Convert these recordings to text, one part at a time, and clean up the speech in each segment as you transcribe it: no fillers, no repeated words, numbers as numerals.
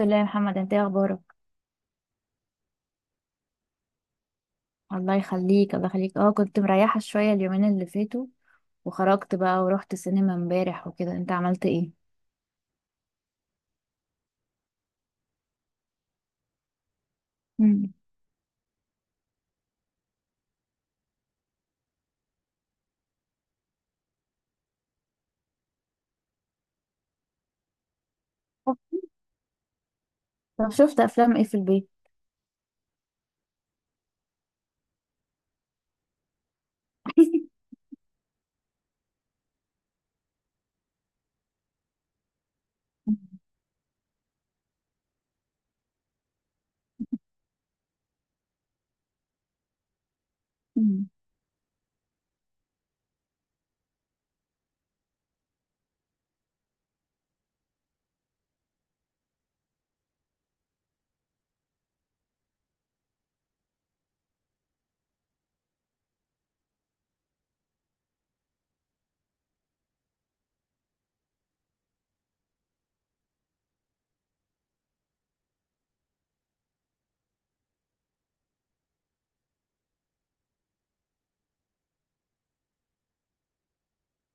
الحمد لله يا محمد، انت ايه اخبارك؟ الله يخليك الله يخليك. اه كنت مريحة شوية اليومين اللي فاتوا، وخرجت بقى ورحت سينما امبارح وكده. انت عملت ايه؟ مم. طب شفت افلام ايه في البيت؟ مم.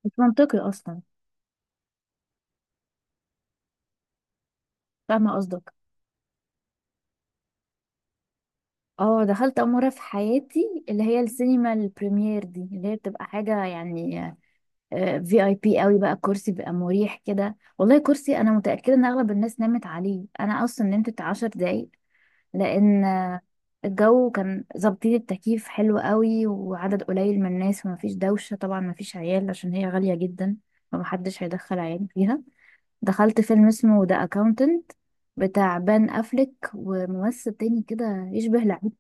مش منطقي اصلا. فاهمة قصدك. اه، دخلت اول مرة في حياتي اللي هي السينما البريمير دي، اللي هي بتبقى حاجة يعني في اي بي قوي بقى. الكرسي بيبقى مريح كده، والله كرسي انا متأكدة ان اغلب الناس نامت عليه، انا اصلا نمت 10 دقايق لان الجو كان ظابطين التكييف حلو قوي، وعدد قليل من الناس ومفيش دوشة، طبعا مفيش عيال عشان هي غالية جدا، فمحدش هيدخل عيال فيها. دخلت فيلم اسمه ذا اكاونتنت، بتاع بان افليك وممثل تاني كده يشبه لعيب.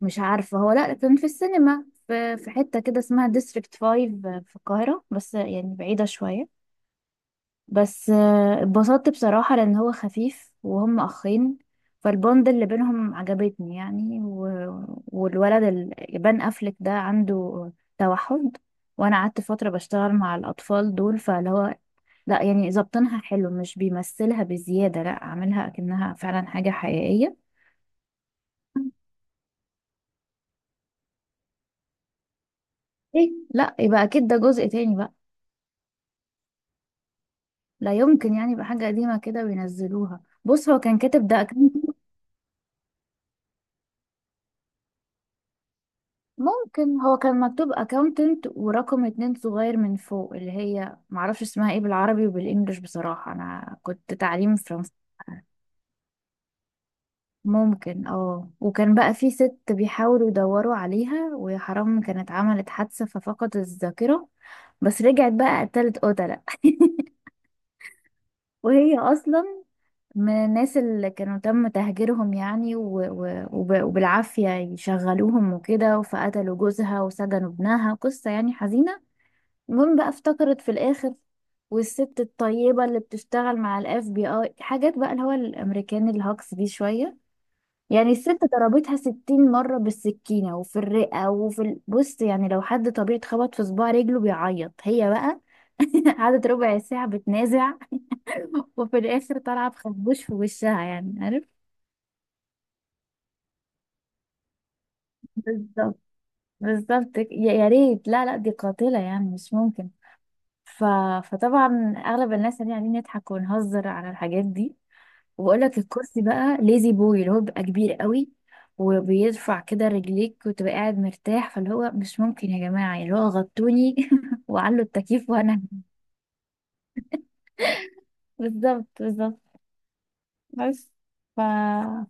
مش عارفة، هو لا كان في السينما في حتة كده اسمها ديستريكت فايف في القاهرة، بس يعني بعيدة شوية. بس اتبسطت بصراحة، لأن هو خفيف وهم أخين، فالبوند اللي بينهم عجبتني يعني. والولد بان أفلك ده عنده توحد، وأنا قعدت فترة بشتغل مع الأطفال دول، فاللي هو لا يعني ظابطينها حلو، مش بيمثلها بزيادة، لا عاملها أكنها فعلا حاجة حقيقية. إيه، لا يبقى أكيد ده جزء تاني بقى. لا يمكن يعني يبقى حاجة قديمة كده وينزلوها، بص هو كان كاتب ده. ممكن، هو كان مكتوب اكاونتنت ورقم اتنين صغير من فوق، اللي هي معرفش اسمها ايه بالعربي وبالانجلش بصراحة، انا كنت تعليم فرنسا. ممكن اه. وكان بقى في ست بيحاولوا يدوروا عليها، ويا حرام كانت عملت حادثة ففقدت الذاكرة، بس رجعت بقى قتلت قتلة. وهي اصلا من الناس اللي كانوا تم تهجيرهم يعني، وبالعافية يشغلوهم وكده، فقتلوا جوزها وسجنوا ابنها، قصة يعني حزينة. المهم بقى افتكرت في الاخر، والست الطيبة اللي بتشتغل مع الاف بي اي حاجات بقى، اللي هو الامريكان الهوكس دي شوية يعني. الست ضربتها ستين مرة بالسكينة وفي الرئة وفي بص يعني، لو حد طبيعي اتخبط في صباع رجله بيعيط، هي بقى قعدت ربع ساعة بتنازع، وفي الآخر طالعة بخبوش في وشها يعني، عارف. بالظبط بالظبط. يا ريت، لا لا، دي قاتلة يعني، مش ممكن. ف... فطبعا أغلب الناس يعني قاعدين نضحك ونهزر على الحاجات دي. وبقول لك، الكرسي بقى ليزي بوي اللي هو بيبقى كبير قوي وبيرفع كده رجليك، وتبقى قاعد مرتاح، فاللي هو مش ممكن يا جماعة، يعني اللي هو غطوني وعلوا التكييف وانا بالظبط بالظبط. بس ف...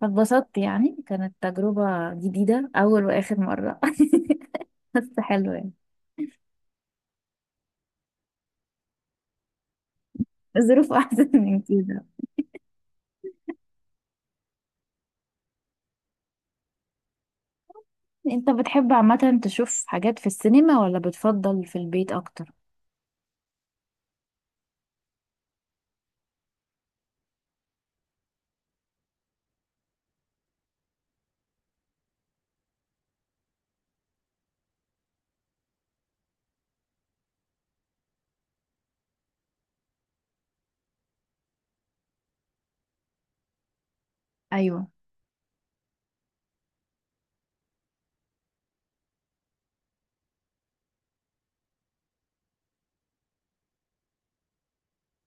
فاتبسطت يعني، كانت تجربة جديدة أول وآخر مرة بس حلوة يعني. الظروف أحسن من كده. أنت بتحب عامة تشوف حاجات في السينما ولا بتفضل في البيت أكتر؟ أيوه.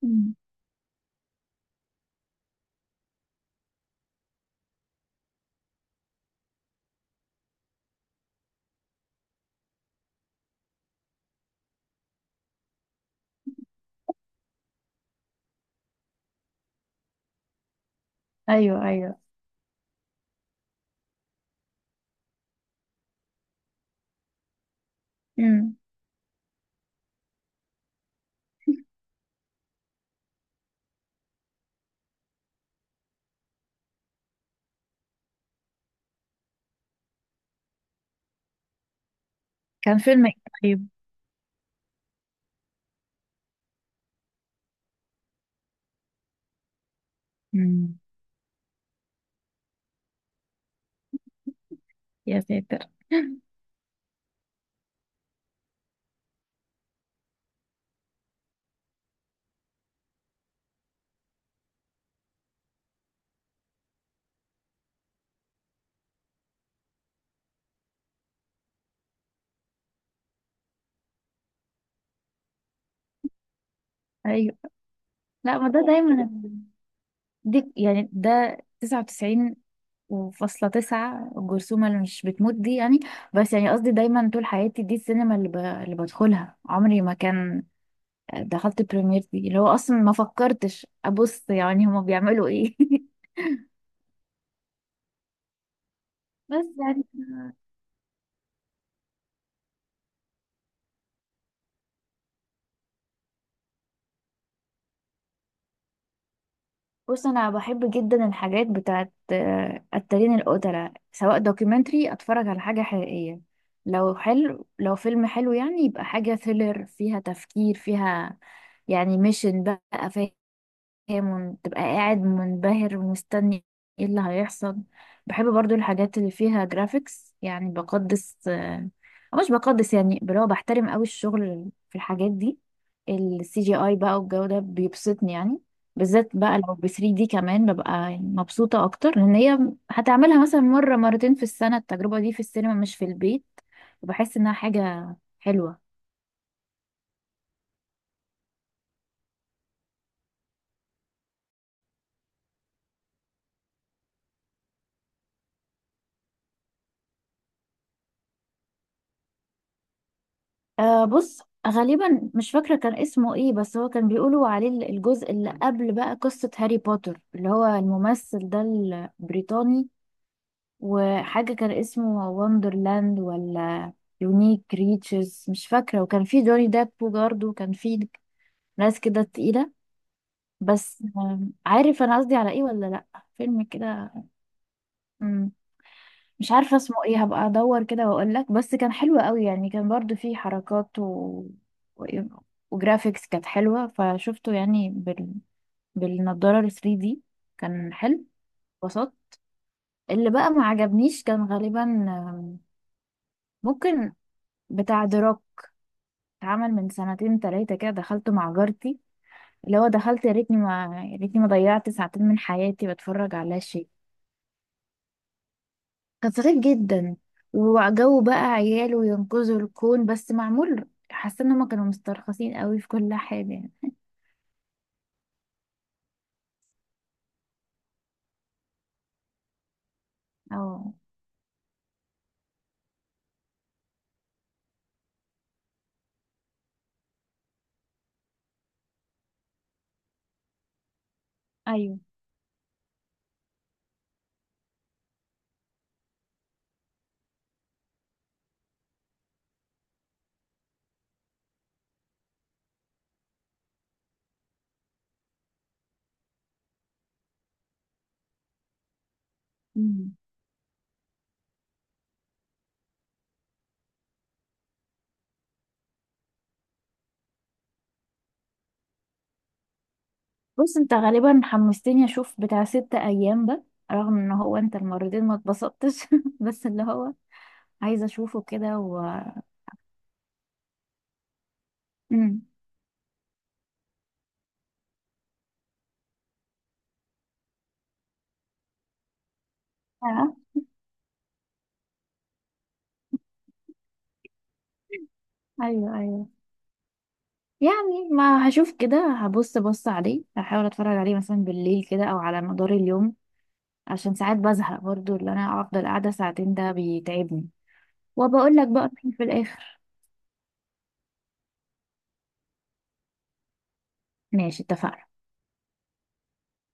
أمم. أيوه أيوه. أمم. كان فيلم إيه؟ طيب؟ مم. يا ساتر ايوه. لا ما ده دايما، دي يعني ده 99 وفاصلة تسعة، الجرثومة اللي مش بتموت دي يعني. بس يعني قصدي، دايما طول حياتي دي السينما اللي بدخلها عمري ما كان. دخلت بريمير دي اللي هو اصلا ما فكرتش ابص يعني هما بيعملوا ايه بس يعني. بص، انا بحب جدا الحاجات بتاعت التارين القتلة، سواء دوكيومنتري اتفرج على حاجة حقيقية، لو حلو لو فيلم حلو يعني، يبقى حاجة ثريلر فيها تفكير فيها يعني، ميشن بقى، فاهم. تبقى قاعد منبهر ومستني ايه اللي هيحصل. بحب برضو الحاجات اللي فيها جرافيكس يعني، بقدس أو مش بقدس يعني، اللي هو بحترم قوي الشغل في الحاجات دي. السي جي اي بقى والجو ده بيبسطني يعني، بالذات بقى لو ب 3 دي كمان ببقى يعني مبسوطة اكتر، لان هي هتعملها مثلا مرة مرتين في السنة التجربة دي في السينما مش في البيت، وبحس انها حاجة حلوة. آه بص، غالبا مش فاكرة كان اسمه ايه، بس هو كان بيقولوا عليه الجزء اللي قبل بقى قصة هاري بوتر، اللي هو الممثل ده البريطاني. وحاجة كان اسمه وندرلاند ولا يونيك ريتشز، مش فاكرة، وكان في جوني ديب برضه، وكان في ناس كده تقيلة. بس عارف انا قصدي على ايه ولا لا، فيلم كده. مم. مش عارفة اسمه ايه، هبقى ادور كده واقول لك، بس كان حلو قوي يعني، كان برضو فيه حركات و... وجرافيكس كانت حلوة، فشفته يعني بالنضارة ال 3D، كان حلو، بسط. اللي بقى ما عجبنيش كان غالبا ممكن بتاع دروك، اتعمل من سنتين تلاتة كده، دخلته مع جارتي، اللي هو دخلت. يا ريتني ما ضيعت ساعتين من حياتي بتفرج على شيء غطرت جدا، وجو بقى عيال وينقذوا الكون بس معمول. حاسه ان هم كانوا مسترخصين قوي في كل حاجه. اه. ايوه. مم. بص، انت غالبا حمستني اشوف بتاع ست ايام ده، رغم ان هو انت المرتين ما اتبسطتش بس اللي هو عايزه اشوفه كده. و مم. آه. ايوه ايوه. يعني ما هشوف كده، هبص عليه، هحاول اتفرج عليه مثلا بالليل كده او على مدار اليوم، عشان ساعات بزهق برضو، اللي انا افضل قاعدة ساعتين ده بيتعبني، وبقول لك بقى رأيي في الاخر. ماشي، اتفقنا.